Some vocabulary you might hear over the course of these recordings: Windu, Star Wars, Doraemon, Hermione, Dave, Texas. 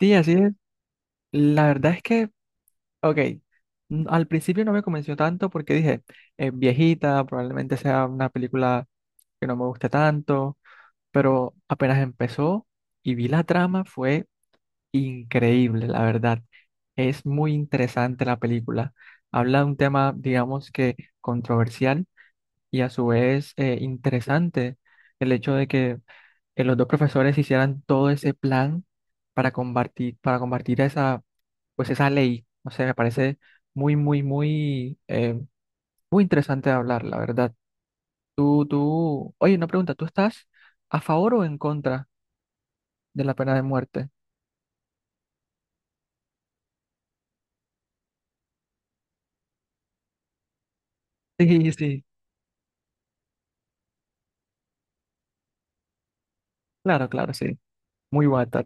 Sí, así es. La verdad es que, ok, al principio no me convenció tanto porque dije, es viejita, probablemente sea una película que no me guste tanto, pero apenas empezó y vi la trama fue increíble, la verdad. Es muy interesante la película. Habla de un tema, digamos que controversial y a su vez interesante el hecho de que los dos profesores hicieran todo ese plan para combatir, esa, pues esa ley. O sea, me parece muy, muy, muy, muy interesante de hablar, la verdad. Tú, oye, una pregunta, ¿tú estás a favor o en contra de la pena de muerte? Sí, sí, claro, claro, sí. Muy guata.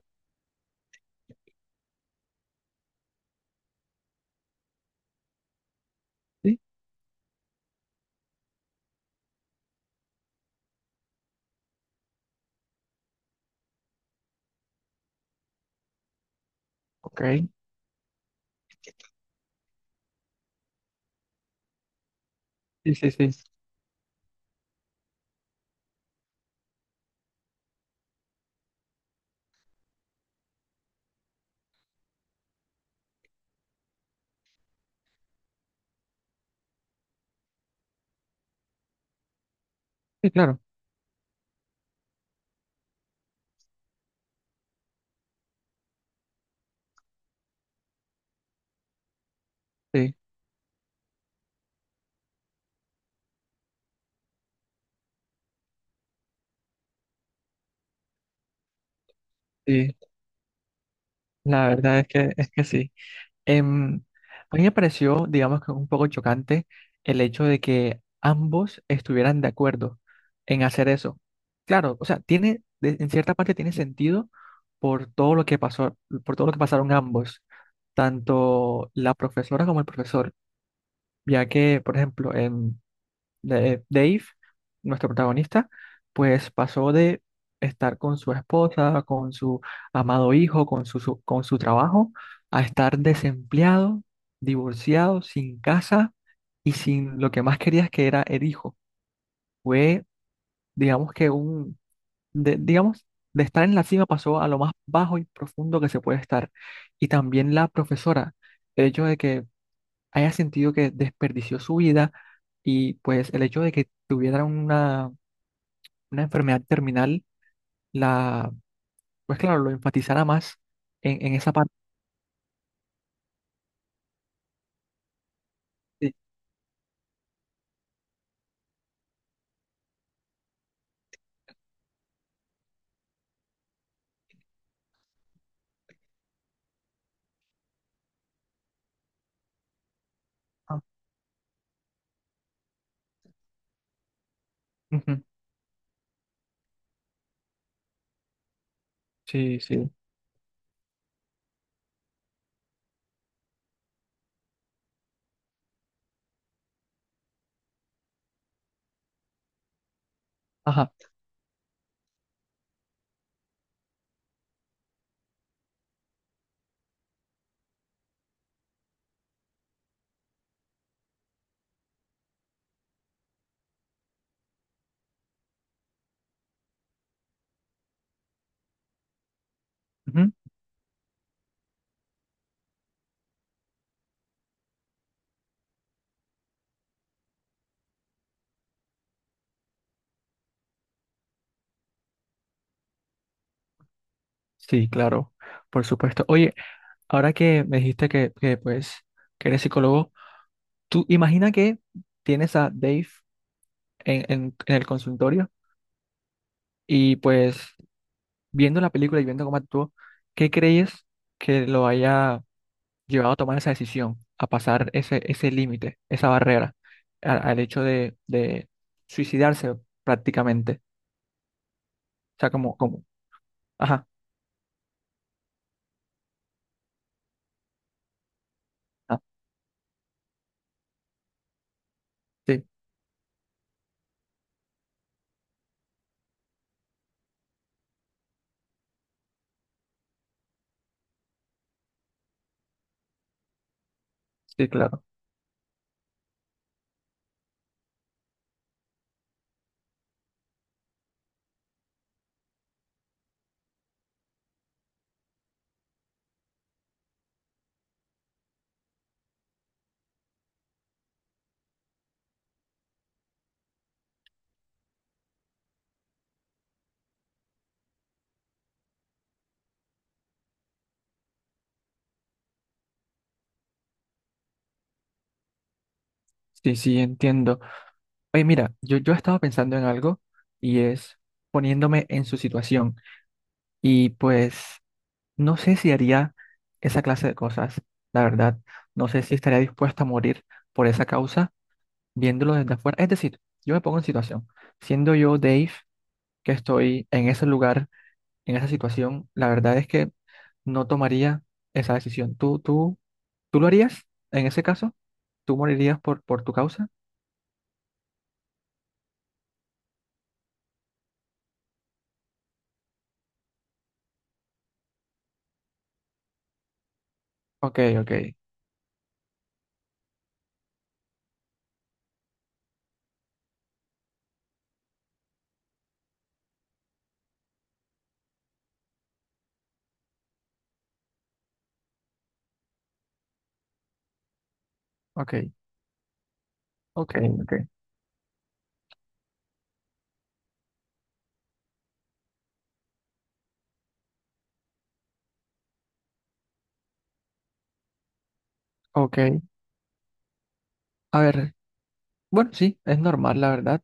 Sí, ok. Sí, sí, sí. Sí, claro, sí, sí. La verdad es que sí. Em, a mí me pareció, digamos que un poco chocante el hecho de que ambos estuvieran de acuerdo en hacer eso. Claro, o sea, tiene, en cierta parte tiene sentido por todo lo que pasó, por todo lo que pasaron ambos, tanto la profesora como el profesor, ya que, por ejemplo, Dave, nuestro protagonista, pues pasó de estar con su esposa, con su amado hijo, con su trabajo, a estar desempleado, divorciado, sin casa y sin lo que más quería que era el hijo. Fue, digamos que un, digamos, de estar en la cima pasó a lo más bajo y profundo que se puede estar. Y también la profesora, el hecho de que haya sentido que desperdició su vida y pues el hecho de que tuviera una enfermedad terminal, la, pues claro, lo enfatizará más en esa parte. Sí, ah, ujú, sí, sí. Ajá. Ujú, sí, claro, por supuesto. Oye, ahora que me dijiste que, pues, que eres psicólogo, tú imagina que tienes a Dave en el consultorio y pues viendo la película y viendo cómo actuó, ¿qué crees que lo haya llevado a tomar esa decisión, a pasar ese límite, esa barrera, al hecho de, suicidarse prácticamente? O sea, como, ajá, ah, sí, sí, claro, sí, sí, entiendo. Oye, mira, yo estaba pensando en algo y es poniéndome en su situación y pues no sé si haría esa clase de cosas, la verdad, no sé si estaría dispuesta a morir por esa causa viéndolo desde afuera. Es decir, yo me pongo en situación, siendo yo Dave, que estoy en ese lugar, en esa situación, la verdad es que no tomaría esa decisión. ¿Tú lo harías en ese caso? ¿Tú morirías por tu causa? Ok, ok, ok, ok, ok, ok. A ver, bueno, sí, es normal, la verdad.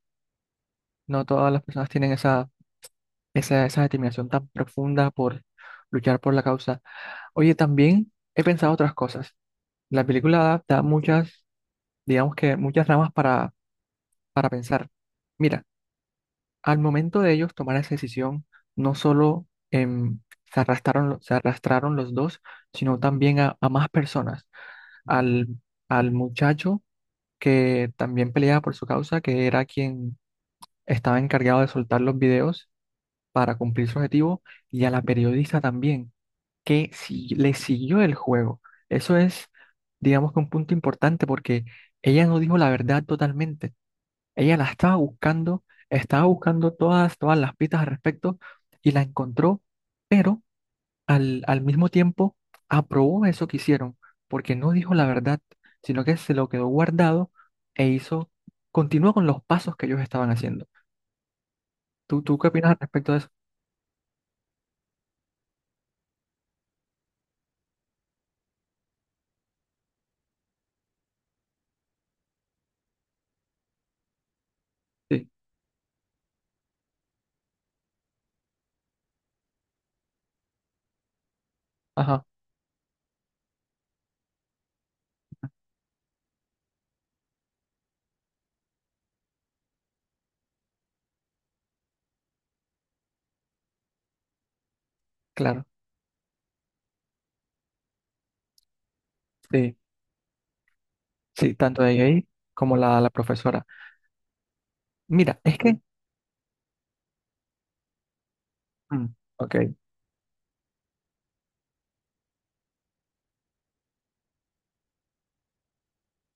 No todas las personas tienen esa determinación tan profunda por luchar por la causa. Oye, también he pensado otras cosas. La película da muchas, digamos que muchas ramas para pensar. Mira. Al momento de ellos tomar esa decisión, no solo se arrastraron, los dos, sino también a más personas. Al, al muchacho que también peleaba por su causa, que era quien estaba encargado de soltar los videos para cumplir su objetivo, y a la periodista también, que si, le siguió el juego. Eso es, digamos que un punto importante porque ella no dijo la verdad totalmente, ella la estaba buscando todas las pistas al respecto y la encontró, pero al mismo tiempo aprobó eso que hicieron, porque no dijo la verdad, sino que se lo quedó guardado e hizo, continuó con los pasos que ellos estaban haciendo. ¿Tú qué opinas al respecto de eso? Sí, ajá, claro, sí, sí, tanto de ahí como la profesora. Mira, es que, mm, ok,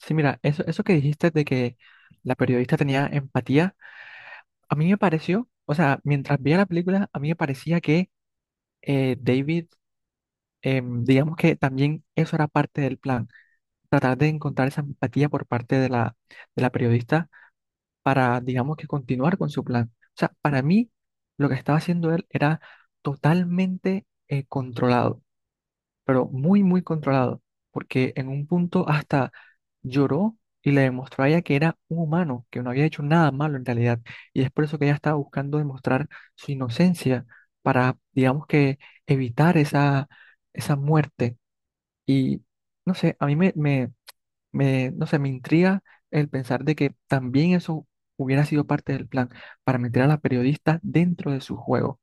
sí, mira, eso que dijiste de que la periodista tenía empatía. A mí me pareció, o sea, mientras veía la película, a mí me parecía que David, digamos que también eso era parte del plan, tratar de encontrar esa empatía por parte de de la periodista para, digamos que continuar con su plan. O sea, para mí, lo que estaba haciendo él era totalmente controlado, pero muy, muy controlado, porque en un punto hasta lloró y le demostró a ella que era un humano, que no había hecho nada malo en realidad. Y es por eso que ella estaba buscando demostrar su inocencia para, digamos que, evitar esa muerte. Y no sé, a mí me, no sé, me intriga el pensar de que también eso hubiera sido parte del plan para meter a la periodista dentro de su juego.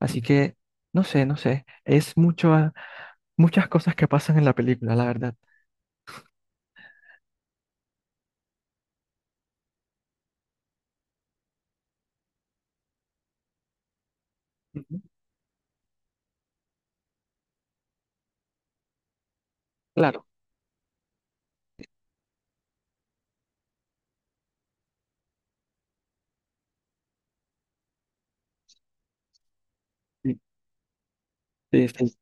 Así que, no sé, no sé, es mucho, muchas cosas que pasan en la película, la verdad. Ujú. Claro. Sí, sí, sí.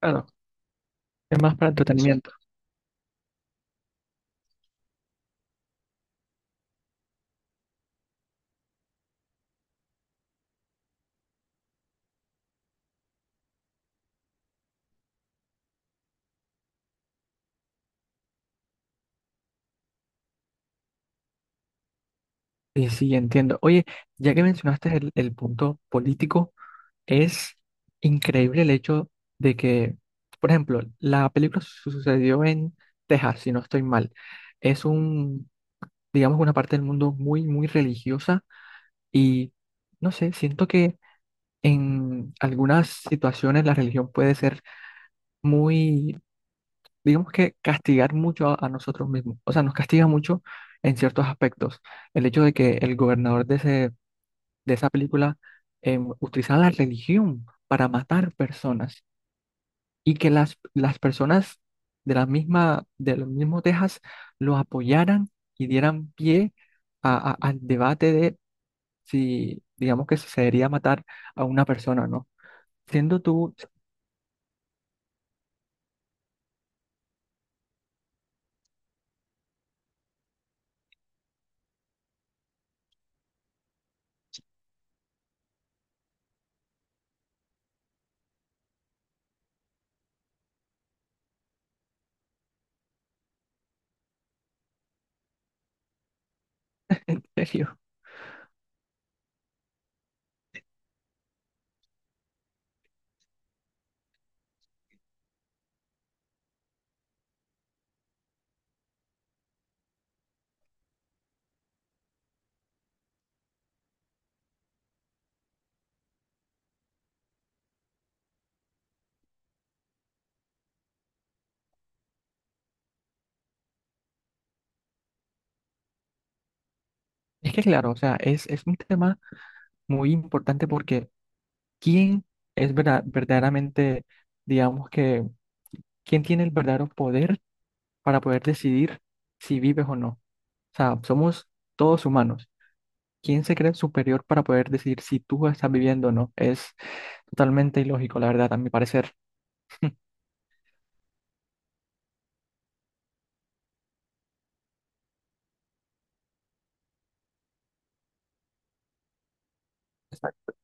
Claro. Es más para entretenimiento. Sí, sí, entiendo. Oye, ya que mencionaste el punto político, es increíble el hecho de que, por ejemplo, la película sucedió en Texas, si no estoy mal. Es un, digamos, una parte del mundo muy, muy religiosa y, no sé, siento que en algunas situaciones la religión puede ser muy, digamos que castigar mucho a nosotros mismos. O sea, nos castiga mucho en ciertos aspectos. El hecho de que el gobernador de esa película utilizaba la religión para matar personas y que las personas de del mismo Texas los apoyaran y dieran pie al debate de si, digamos que si se debería matar a una persona o no. Siendo tú. En serio, es que claro, o sea, es un tema muy importante porque, ¿quién es verdaderamente, digamos que, quién tiene el verdadero poder para poder decidir si vives o no? O sea, somos todos humanos. ¿Quién se cree superior para poder decir si tú estás viviendo o no? Es totalmente ilógico, la verdad, a mi parecer. Exacto.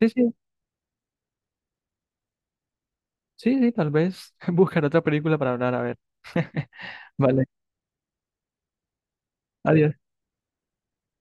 Sí, sí, sí, sí, tal vez buscar otra película para hablar, a ver. Vale, adiós.